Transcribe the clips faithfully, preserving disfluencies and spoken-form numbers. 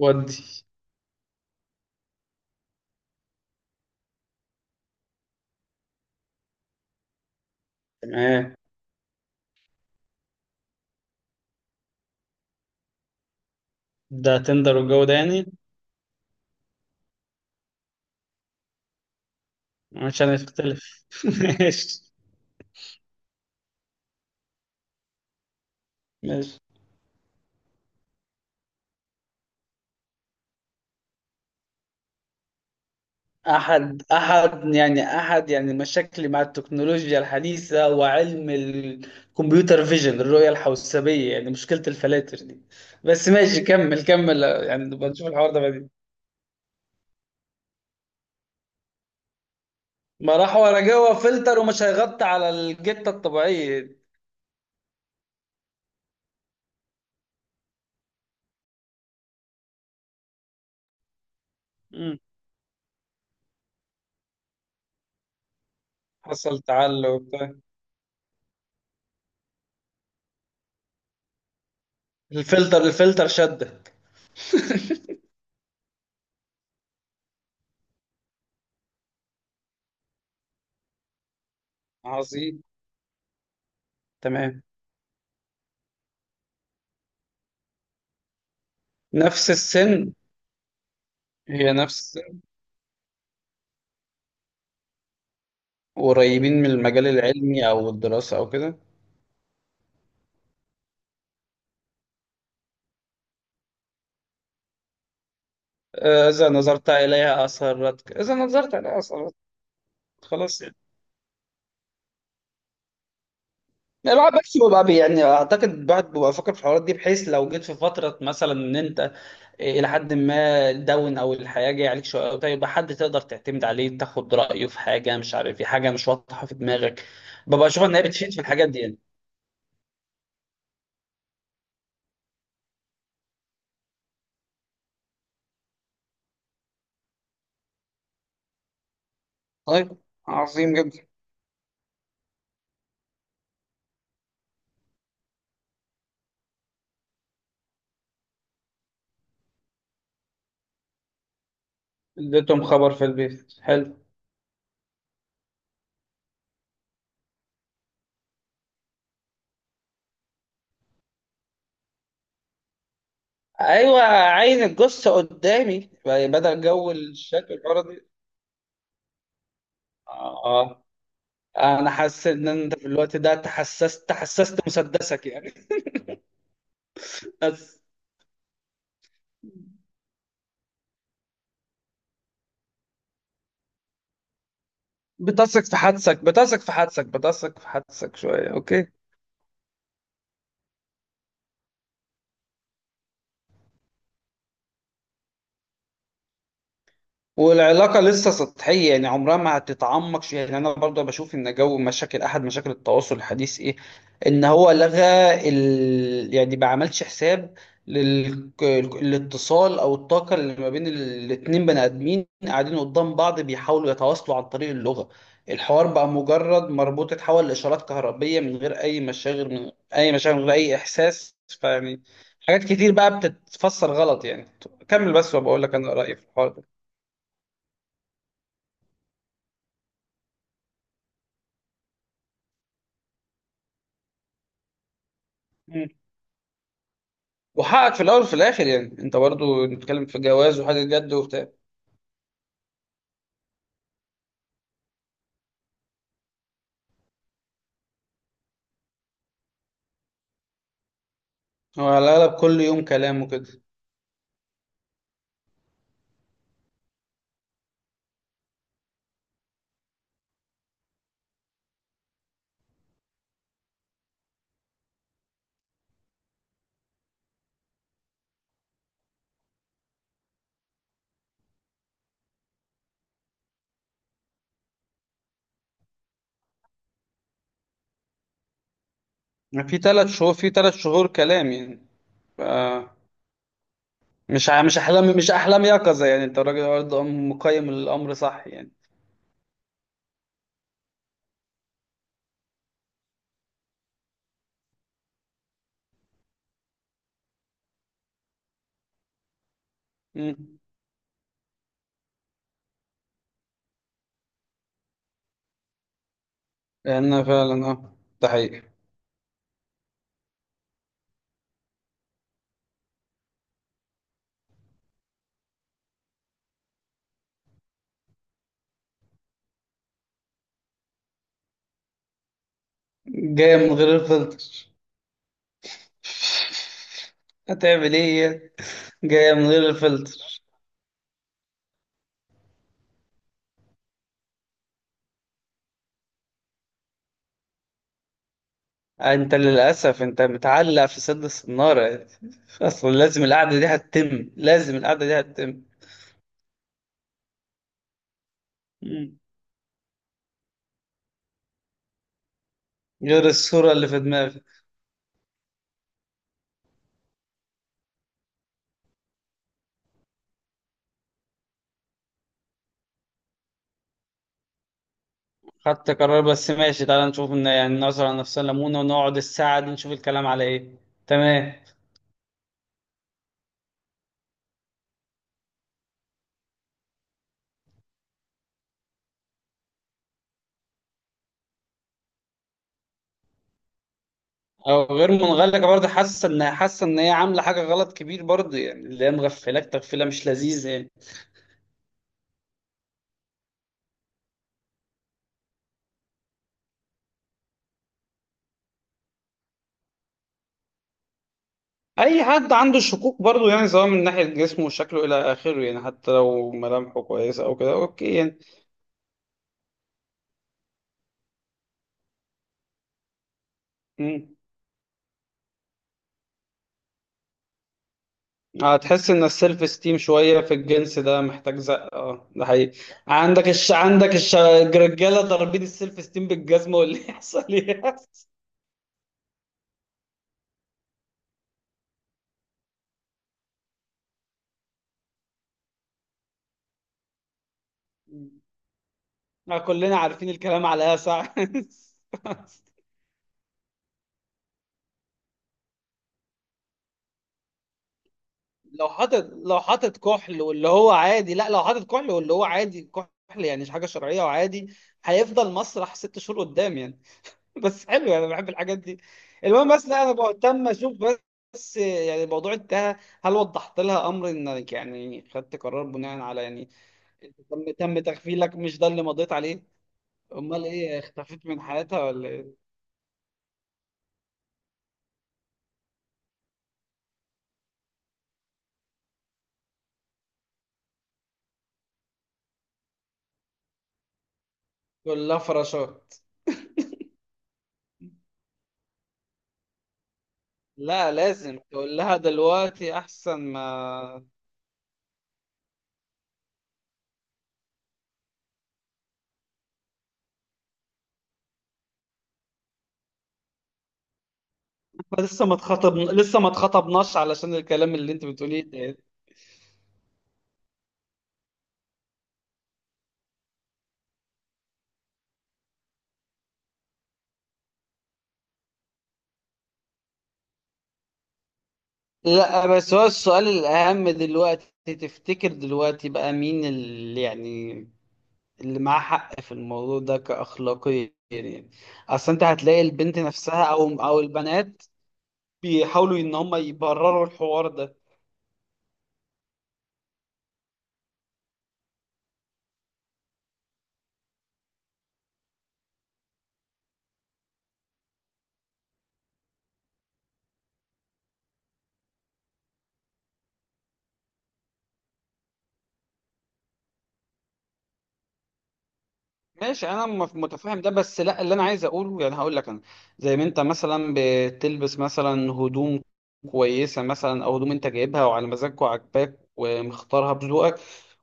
ودي، تمام. ده تندر والجو ده يعني، مش هنختلف ماشي، ماشي. أحد أحد يعني أحد يعني مشاكلي مع التكنولوجيا الحديثة وعلم الكمبيوتر فيجن، الرؤية الحوسبية، يعني مشكلة الفلاتر دي. بس ماشي، كمل كمل يعني نبقى نشوف الحوار ده بعدين. ما راح ورا جوه فلتر ومش هيغطي على الجتة الطبيعية. مم. حصل تعلق وبتاع. الفلتر الفلتر شدك. عظيم. تمام. نفس السن؟ هي نفس قريبين من المجال العلمي أو الدراسة أو كده؟ آه، إذا نظرت إليها أثرتك، إذا نظرت إليها أثرتك خلاص يعني. يعني الواحد بس بيبقى بي- يعني أعتقد الواحد بيبقى فاكر في الحوارات دي، بحيث لو جيت في فترة مثلا إن أنت إلى حد ما داون أو الحياة جاية عليك شوية أو كده، يبقى حد تقدر تعتمد عليه تاخد رأيه في حاجة مش عارف، في حاجة مش واضحة في دماغك. ببقى أشوف إن هي بتفيد في الحاجات دي يعني. طيب، عظيم جدا. اديتهم خبر في البيت، حلو. ايوه، عين الجثه قدامي بدل جو الشكل الارضي. اه، آه. انا حسيت ان انت في الوقت ده تحسست تحسست مسدسك يعني. بس بتثق في حدسك بتثق في حدسك بتثق في حدسك شويه، اوكي. والعلاقة لسه سطحية يعني عمرها ما هتتعمق يعني، أنا برضه بشوف إن جو مشاكل أحد مشاكل التواصل الحديث إيه. إن هو لغى ال... يعني ما عملش حساب لل... الاتصال أو الطاقة اللي ما بين ال- الاتنين بني آدمين قاعدين قدام بعض بيحاولوا يتواصلوا عن طريق اللغة. الحوار بقى مجرد مربوط، اتحول لإشارات كهربية من غير أي مشاغل، من أي مشاغل من غير أي إحساس، فيعني حاجات كتير بقى بتتفسر غلط يعني. كمل بس، وبقول لك أنا رأيي في الحوار ده. وحقك في الاول وفي الاخر، يعني انت برضو بتتكلم في جواز وحاجه جد وبتاع. هو على الاغلب كل يوم كلام وكده يعني، في ثلاث شهور في ثلاث شهور كلام يعني. ف مش ع- مش احلام مش احلام يقظه يعني، انت راجل برضه أم- مقيم الامر صح يعني. امم لان فعلا، اه، ده حقيقي. جايه من غير الفلتر. هتعمل ايه يعني؟ جايه من غير الفلتر. انت للاسف انت متعلق في سد الصناره يعني. اصلا لازم القعده دي هتتم لازم القعده دي هتتم. مم. غير الصورة اللي في دماغي. خدت قرار، بس ماشي تعالى نشوف، ان يعني نظرة على نفسنا ليمونة، ونقعد الساعة دي نشوف الكلام على ايه. تمام. او غير منغلقة برضه، حاسة ان حاسة ان هي عاملة حاجة غلط كبير برضه يعني، اللي هي مغفلاك تغفلة مش لذيذة يعني. اي حد عنده شكوك برضه يعني، سواء من ناحية جسمه وشكله الى اخره يعني، حتى لو ملامحه كويسة او كده، اوكي يعني. مم. هتحس ان السيلف esteem شويه في الجنس ده محتاج زق، اه ده حقيقي. عندك الش... عندك الش... الرجاله ضاربين السيلف esteem بالجزمه، واللي يحصل يحصل. آه، كلنا عارفين الكلام على ايه ساعة لو حاطط لو حاطط كحل واللي هو عادي، لا لو حاطط كحل واللي هو عادي، كحل يعني، مش حاجه شرعيه وعادي. هيفضل مسرح ست شهور قدام يعني. بس حلو، انا بحب الحاجات دي. المهم بس، لا انا بهتم اشوف. بس يعني الموضوع انتهى. هل وضحت لها امر انك يعني خدت قرار، بناء على يعني تم تم تغفيلك، مش ده اللي مضيت عليه؟ امال ايه، اختفيت من حياتها ولا ايه؟ تقول لها فراشات. لا، لازم تقول لها دلوقتي احسن، ما إحنا لسه ما اتخطب لسه ما اتخطبناش علشان الكلام اللي انت بتقوليه ده. لا، بس هو السؤال الأهم دلوقتي، تفتكر دلوقتي بقى مين اللي يعني اللي معاه حق في الموضوع ده كأخلاقيا يعني؟ اصل انت هتلاقي البنت نفسها او او البنات بيحاولوا ان هم يبرروا الحوار ده. ماشي، انا مف- متفهم ده، بس لا اللي انا عايز اقوله يعني، هقول لك انا. زي ما انت مثلا بتلبس مثلا هدوم كويسه مثلا، او هدوم انت جايبها وعلى مزاجك وعاجباك ومختارها بذوقك،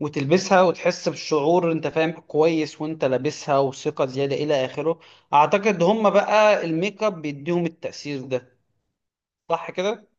وتلبسها وتحس بالشعور، انت فاهم كويس وانت لابسها وثقه زياده الى اخره، اعتقد هم بقى الميك اب بيديهم التأثير ده. صح كده.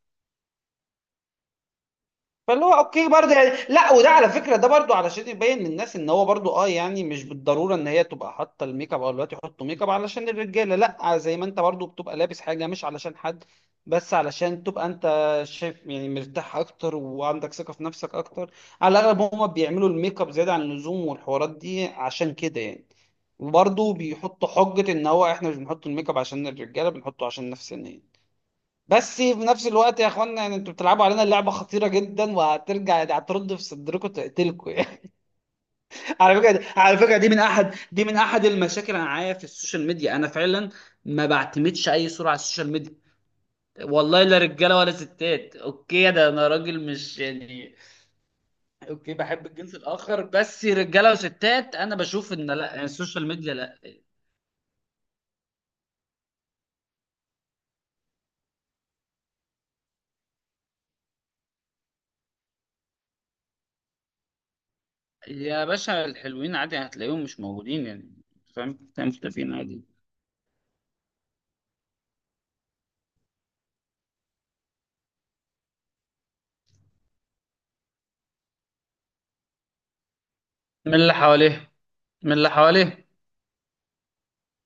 فاللي هو اوكي برضه يعني، لا وده على فكره ده برضه علشان يبين للناس ان هو برضه، اه يعني مش بالضروره ان هي تبقى حاطه الميك اب، او الوقت يحطوا ميك اب علشان الرجاله، لا، زي ما انت برضه بتبقى لابس حاجه مش علشان حد، بس علشان تبقى انت شايف يعني مرتاح اكتر وعندك ثقه في نفسك اكتر. على الاغلب هما بيعملوا الميك اب زياده عن اللزوم والحوارات دي عشان كده يعني. وبرضه بيحطوا حجه ان هو احنا مش بنحط الميك اب عشان الرجاله، بنحطه عشان نفسنا يعني. بس في نفس الوقت يا اخوانا يعني، انتوا بتلعبوا علينا لعبه خطيره جدا، وهترجع يعني هترد في صدركم تقتلكم يعني. على فكره دي على فكره دي من احد دي من احد المشاكل انا معايا في السوشيال ميديا، انا فعلا ما بعتمدش اي صوره على السوشيال ميديا، والله، لا رجاله ولا ستات، اوكي ده انا راجل، مش يعني اوكي بحب الجنس الاخر، بس رجاله وستات انا بشوف ان لا، يعني السوشيال ميديا لا. يا باشا، الحلوين عادي هتلاقيهم مش موجودين يعني. فاهم؟ مختفيين عادي. من اللي حواليه من اللي حواليه.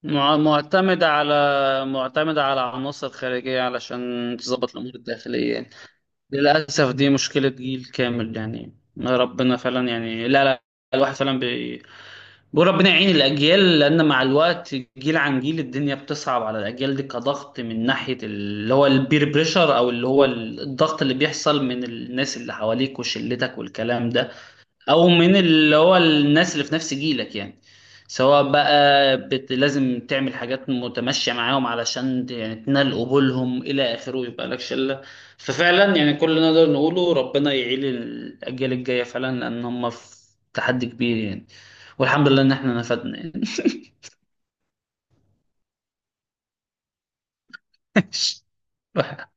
مع- معتمدة على معتمدة على عناصر خارجية علشان تظبط الأمور الداخلية يعني. للأسف دي مشكلة جيل كامل يعني. ربنا فعلا يعني، لا لا، الواحد فعلا بي... بيقول ربنا يعين الأجيال، لأن مع الوقت جيل عن جيل الدنيا بتصعب على الأجيال دي، كضغط من ناحية اللي هو البير بريشر، أو اللي هو الضغط اللي بيحصل من الناس اللي حواليك وشلتك والكلام ده، او من اللي هو الناس اللي في نفس جيلك يعني، سواء بقى بت... لازم تعمل حاجات متمشية معاهم علشان ت- يعني تنال قبولهم إلى آخره، ويبقى لك شلة. ففعلا يعني كل اللي نقدر نقوله ربنا يعيل الأجيال الجاية فعلا، لأن هم في تحدي كبير يعني. والحمد لله إن إحنا نفدنا يعني.